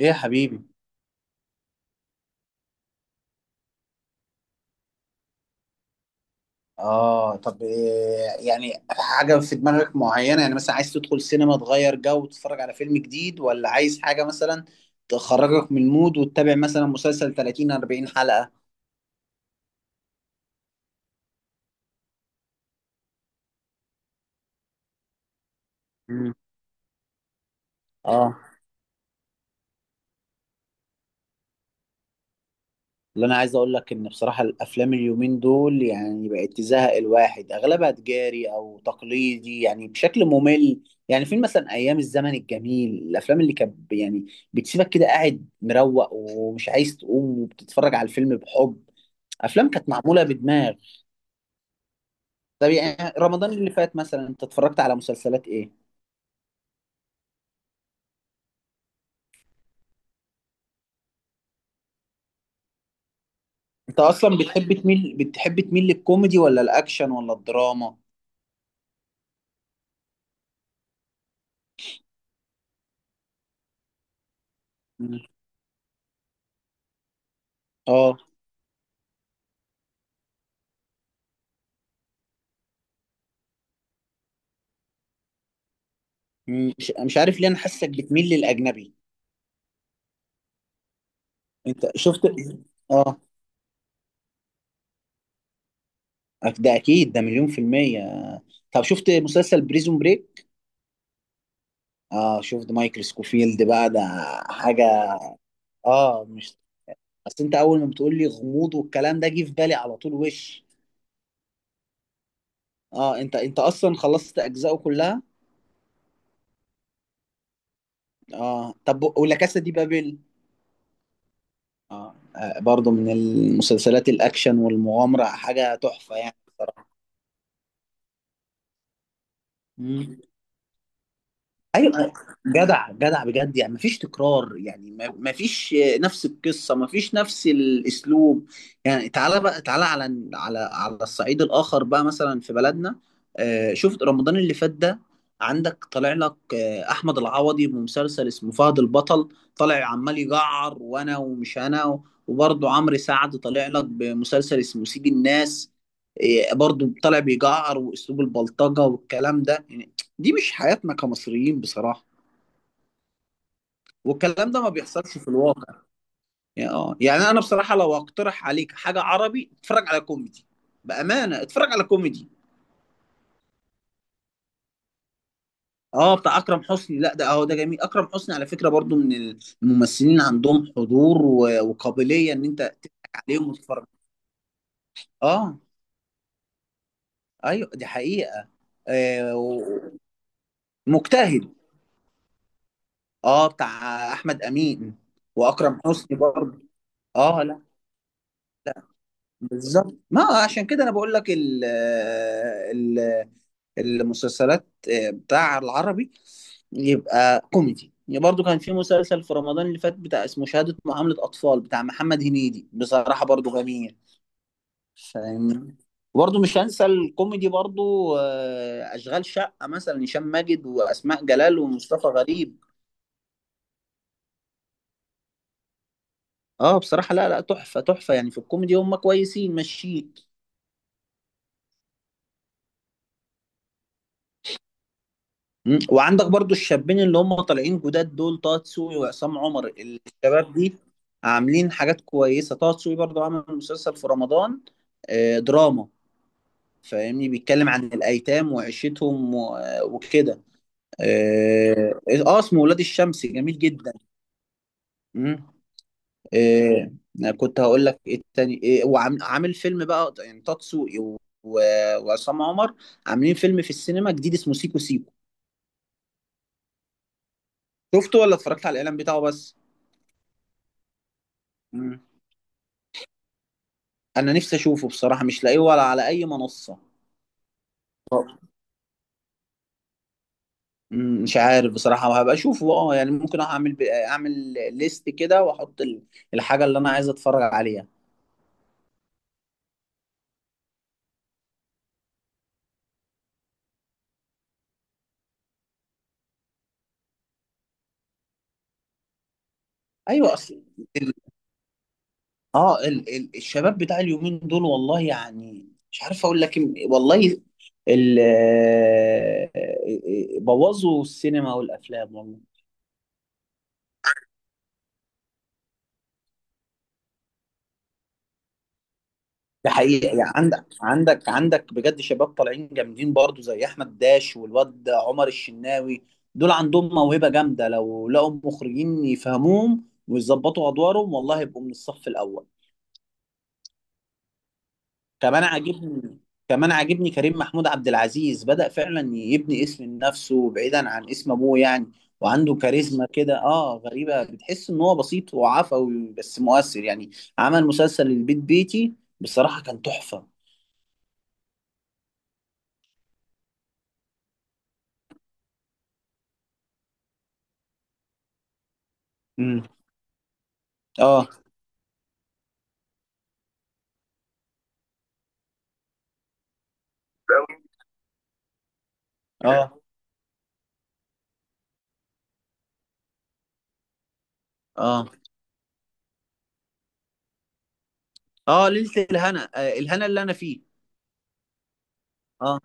ايه يا حبيبي. اه طب إيه يعني؟ حاجة في دماغك معينة؟ يعني مثلا عايز تدخل سينما تغير جو وتتفرج على فيلم جديد، ولا عايز حاجة مثلا تخرجك من المود وتتابع مثلا مسلسل 30 40 حلقة؟ مم. اه اللي انا عايز اقول لك ان بصراحة الافلام اليومين دول يعني بقت تزهق الواحد، اغلبها تجاري او تقليدي يعني بشكل ممل. يعني فين مثلا ايام الزمن الجميل؟ الافلام اللي كانت يعني بتسيبك كده قاعد مروق ومش عايز تقوم، وبتتفرج على الفيلم بحب. افلام كانت معموله بدماغ. طب يعني رمضان اللي فات مثلا انت اتفرجت على مسلسلات ايه؟ انت اصلا بتحب تميل، بتحب تميل للكوميدي ولا الاكشن ولا الدراما؟ مم. اه. مم. مش عارف ليه انا حاسك بتميل للاجنبي. انت شفت؟ اه، ده اكيد، ده مليون في المية. طب شفت مسلسل بريزون بريك؟ اه، شفت مايكل سكوفيلد بقى ده حاجة. اه مش، بس انت اول ما بتقول لي غموض والكلام ده جه في بالي على طول وش. اه، انت اصلا خلصت اجزائه كلها. اه طب ولا كاسا دي بابل؟ اه، برضو من المسلسلات الاكشن والمغامره، حاجه تحفه يعني. بصراحه ايوه، جدع جدع بجد يعني، مفيش تكرار يعني، مفيش نفس القصه، مفيش نفس الاسلوب. يعني تعالى بقى، تعالى على على الصعيد الاخر بقى، مثلا في بلدنا. شفت رمضان اللي فات ده؟ عندك طالع لك احمد العوضي بمسلسل اسمه فهد البطل، طالع عمال يجعر وانا ومش انا. وبرضه عمرو سعد طالع لك بمسلسل اسمه سيد الناس، برضه طالع بيجعر واسلوب البلطجه والكلام ده يعني. دي مش حياتنا كمصريين بصراحة. والكلام ده ما بيحصلش في الواقع. يعني اه، يعني انا بصراحة لو اقترح عليك حاجة عربي اتفرج على كوميدي. بأمانة اتفرج على كوميدي. اه، بتاع اكرم حسني. لا ده اهو، ده جميل. اكرم حسني على فكرة برضو من الممثلين عندهم حضور وقابلية ان انت تضحك عليهم وتتفرج. اه، ايوه دي حقيقة. آه و- مجتهد. اه بتاع احمد امين واكرم حسني برضو. اه لا، بالظبط، ما عشان كده انا بقول لك ال ال المسلسلات بتاع العربي يبقى كوميدي. يعني برضو كان في مسلسل في رمضان اللي فات بتاع اسمه شهادة معاملة أطفال بتاع محمد هنيدي، بصراحة برضو جميل. فاهمني؟ وبرضو مش هنسى الكوميدي برضو، أشغال شقة مثلا، هشام ماجد وأسماء جلال ومصطفى غريب. اه بصراحة لا لا، تحفة تحفة يعني، في الكوميدي هم كويسين ماشيين. مم. وعندك برضو الشابين اللي هم طالعين جداد دول، طه دسوقي وعصام عمر، الشباب دي عاملين حاجات كويسة. طه دسوقي برضو عمل مسلسل في رمضان دراما. فاهمني؟ بيتكلم عن الأيتام وعيشتهم وكده. اه. اسمه ولاد الشمس، جميل جدا. مم. آه. أنا كنت هقول لك ايه التاني، إيه وعامل فيلم بقى يعني؟ طه دسوقي وعصام عمر عاملين فيلم في السينما جديد اسمه سيكو سيكو. شفته ولا اتفرجت على الإعلان بتاعه بس؟ انا نفسي اشوفه بصراحه، مش لاقيه ولا على اي منصه. مم، مش عارف بصراحه، وهبقى اشوفه اه يعني. ممكن اعمل اعمل ليست كده واحط الحاجه اللي انا عايز اتفرج عليها. ايوه اصل ال... اه ال... ال... الشباب بتاع اليومين دول، والله يعني مش عارف اقول لك إيه، والله ال... بوظوا السينما والافلام والله. ده حقيقة. يعني عندك، عندك بجد شباب طالعين جامدين برضو زي احمد داش والواد عمر الشناوي. دول عندهم موهبة جامدة، لو لقوا مخرجين يفهموهم ويظبطوا ادوارهم والله يبقوا من الصف الاول. كمان عاجبني، كمان عاجبني كريم محمود عبد العزيز، بدأ فعلا يبني اسم لنفسه بعيدا عن اسم ابوه يعني. وعنده كاريزما كده غريبة، بتحس ان هو بسيط وعفوي بس مؤثر يعني. عمل مسلسل البيت بيتي، بصراحة كان تحفة. امم. اه اه اه اه، ليلة الهنا، الهنا اللي انا فيه. اه.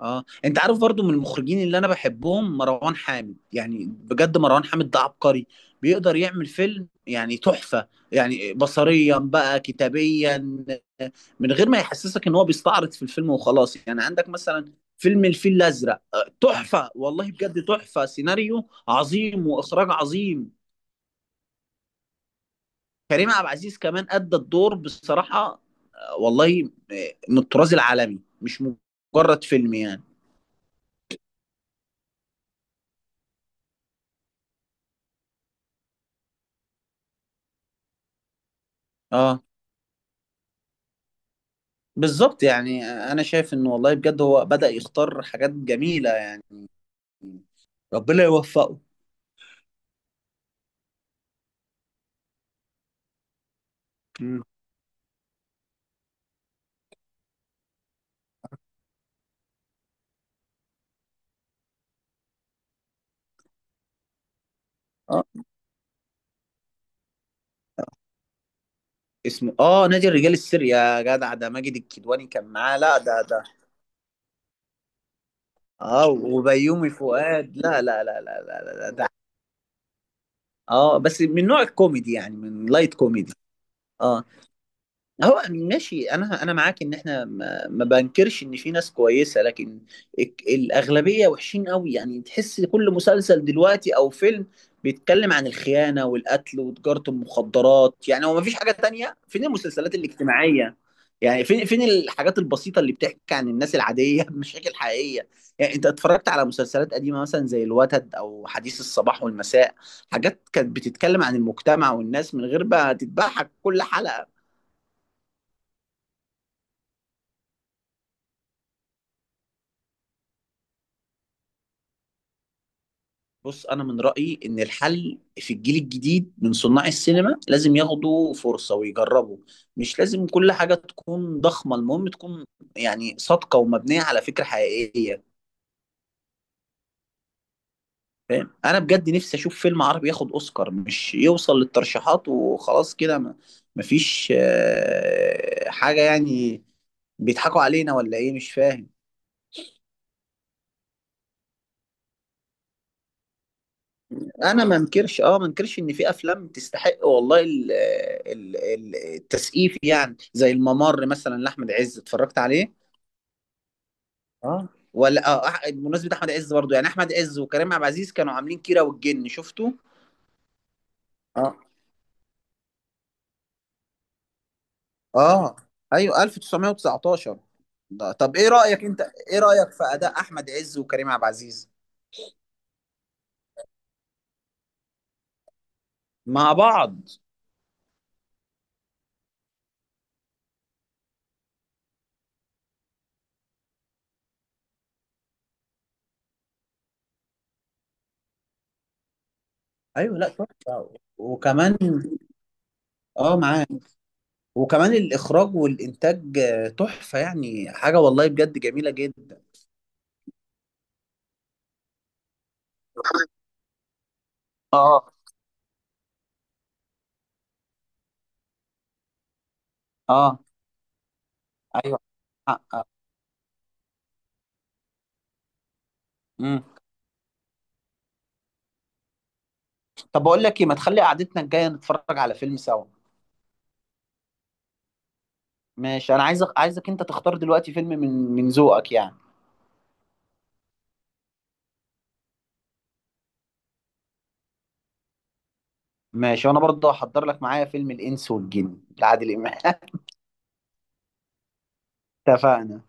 اه انت عارف برضو من المخرجين اللي انا بحبهم مروان حامد. يعني بجد مروان حامد ده عبقري، بيقدر يعمل فيلم يعني تحفة، يعني بصريا بقى كتابيا، آه، من غير ما يحسسك ان هو بيستعرض في الفيلم وخلاص. يعني عندك مثلا فيلم الفيل الازرق، تحفة والله، بجد تحفة، سيناريو عظيم واخراج عظيم. كريم عبد العزيز كمان ادى الدور بصراحة، والله من الطراز العالمي، مش مجرد فيلم يعني. اه بالظبط، يعني انا شايف انه والله بجد هو بدأ يختار حاجات جميلة يعني. ربنا يوفقه. مم. اه اسمه، اه نادي الرجال السري يا جدع ده. ماجد الكدواني كان معاه، لا ده ده، اه، وبيومي فؤاد. لا لا لا لا لا، لا، لا ده. اه بس من نوع الكوميدي، يعني من لايت كوميدي. اه هو ماشي. انا معاك ان احنا ما، ما بنكرش ان في ناس كويسه، لكن الاغلبيه وحشين قوي يعني. تحس كل مسلسل دلوقتي او فيلم بيتكلم عن الخيانه والقتل وتجاره المخدرات، يعني هو ما فيش حاجه تانية. فين المسلسلات الاجتماعيه؟ يعني فين الحاجات البسيطه اللي بتحكي عن الناس العاديه بمشاكل حقيقيه. يعني انت اتفرجت على مسلسلات قديمه مثلا زي الوتد او حديث الصباح والمساء؟ حاجات كانت بتتكلم عن المجتمع والناس من غير بقى تتبعها كل حلقه. بص، انا من رايي ان الحل في الجيل الجديد من صناع السينما، لازم ياخدوا فرصه ويجربوا. مش لازم كل حاجه تكون ضخمه، المهم تكون يعني صادقه ومبنيه على فكره حقيقيه. فاهم؟ انا بجد نفسي اشوف فيلم عربي ياخد اوسكار، مش يوصل للترشيحات وخلاص كده. ما مفيش حاجه يعني. بيضحكوا علينا ولا ايه مش فاهم. انا ما انكرش، اه ما انكرش ان في افلام تستحق والله التسقيف، يعني زي الممر مثلا لاحمد عز، اتفرجت عليه؟ اه، ولا اه بمناسبة احمد عز برضو، يعني احمد عز وكريم عبد العزيز كانوا عاملين كيرة والجن، شفته؟ اه اه ايوه، 1919 ده. طب ايه رأيك؟ انت ايه رأيك في اداء احمد عز وكريم عبد العزيز مع بعض؟ ايوه لا تحفه. وكمان، اه معاك. وكمان الإخراج والإنتاج تحفة يعني، حاجة والله بجد جميلة جدا. اه اه ايوه. آه. مم. طب بقول لك ايه، ما تخلي قعدتنا الجايه نتفرج على فيلم سوا. ماشي، انا عايزك، عايزك انت تختار دلوقتي فيلم من، من ذوقك يعني. ماشي، وانا برضه هحضر لك معايا فيلم الانس والجن لعادل امام اتفقنا.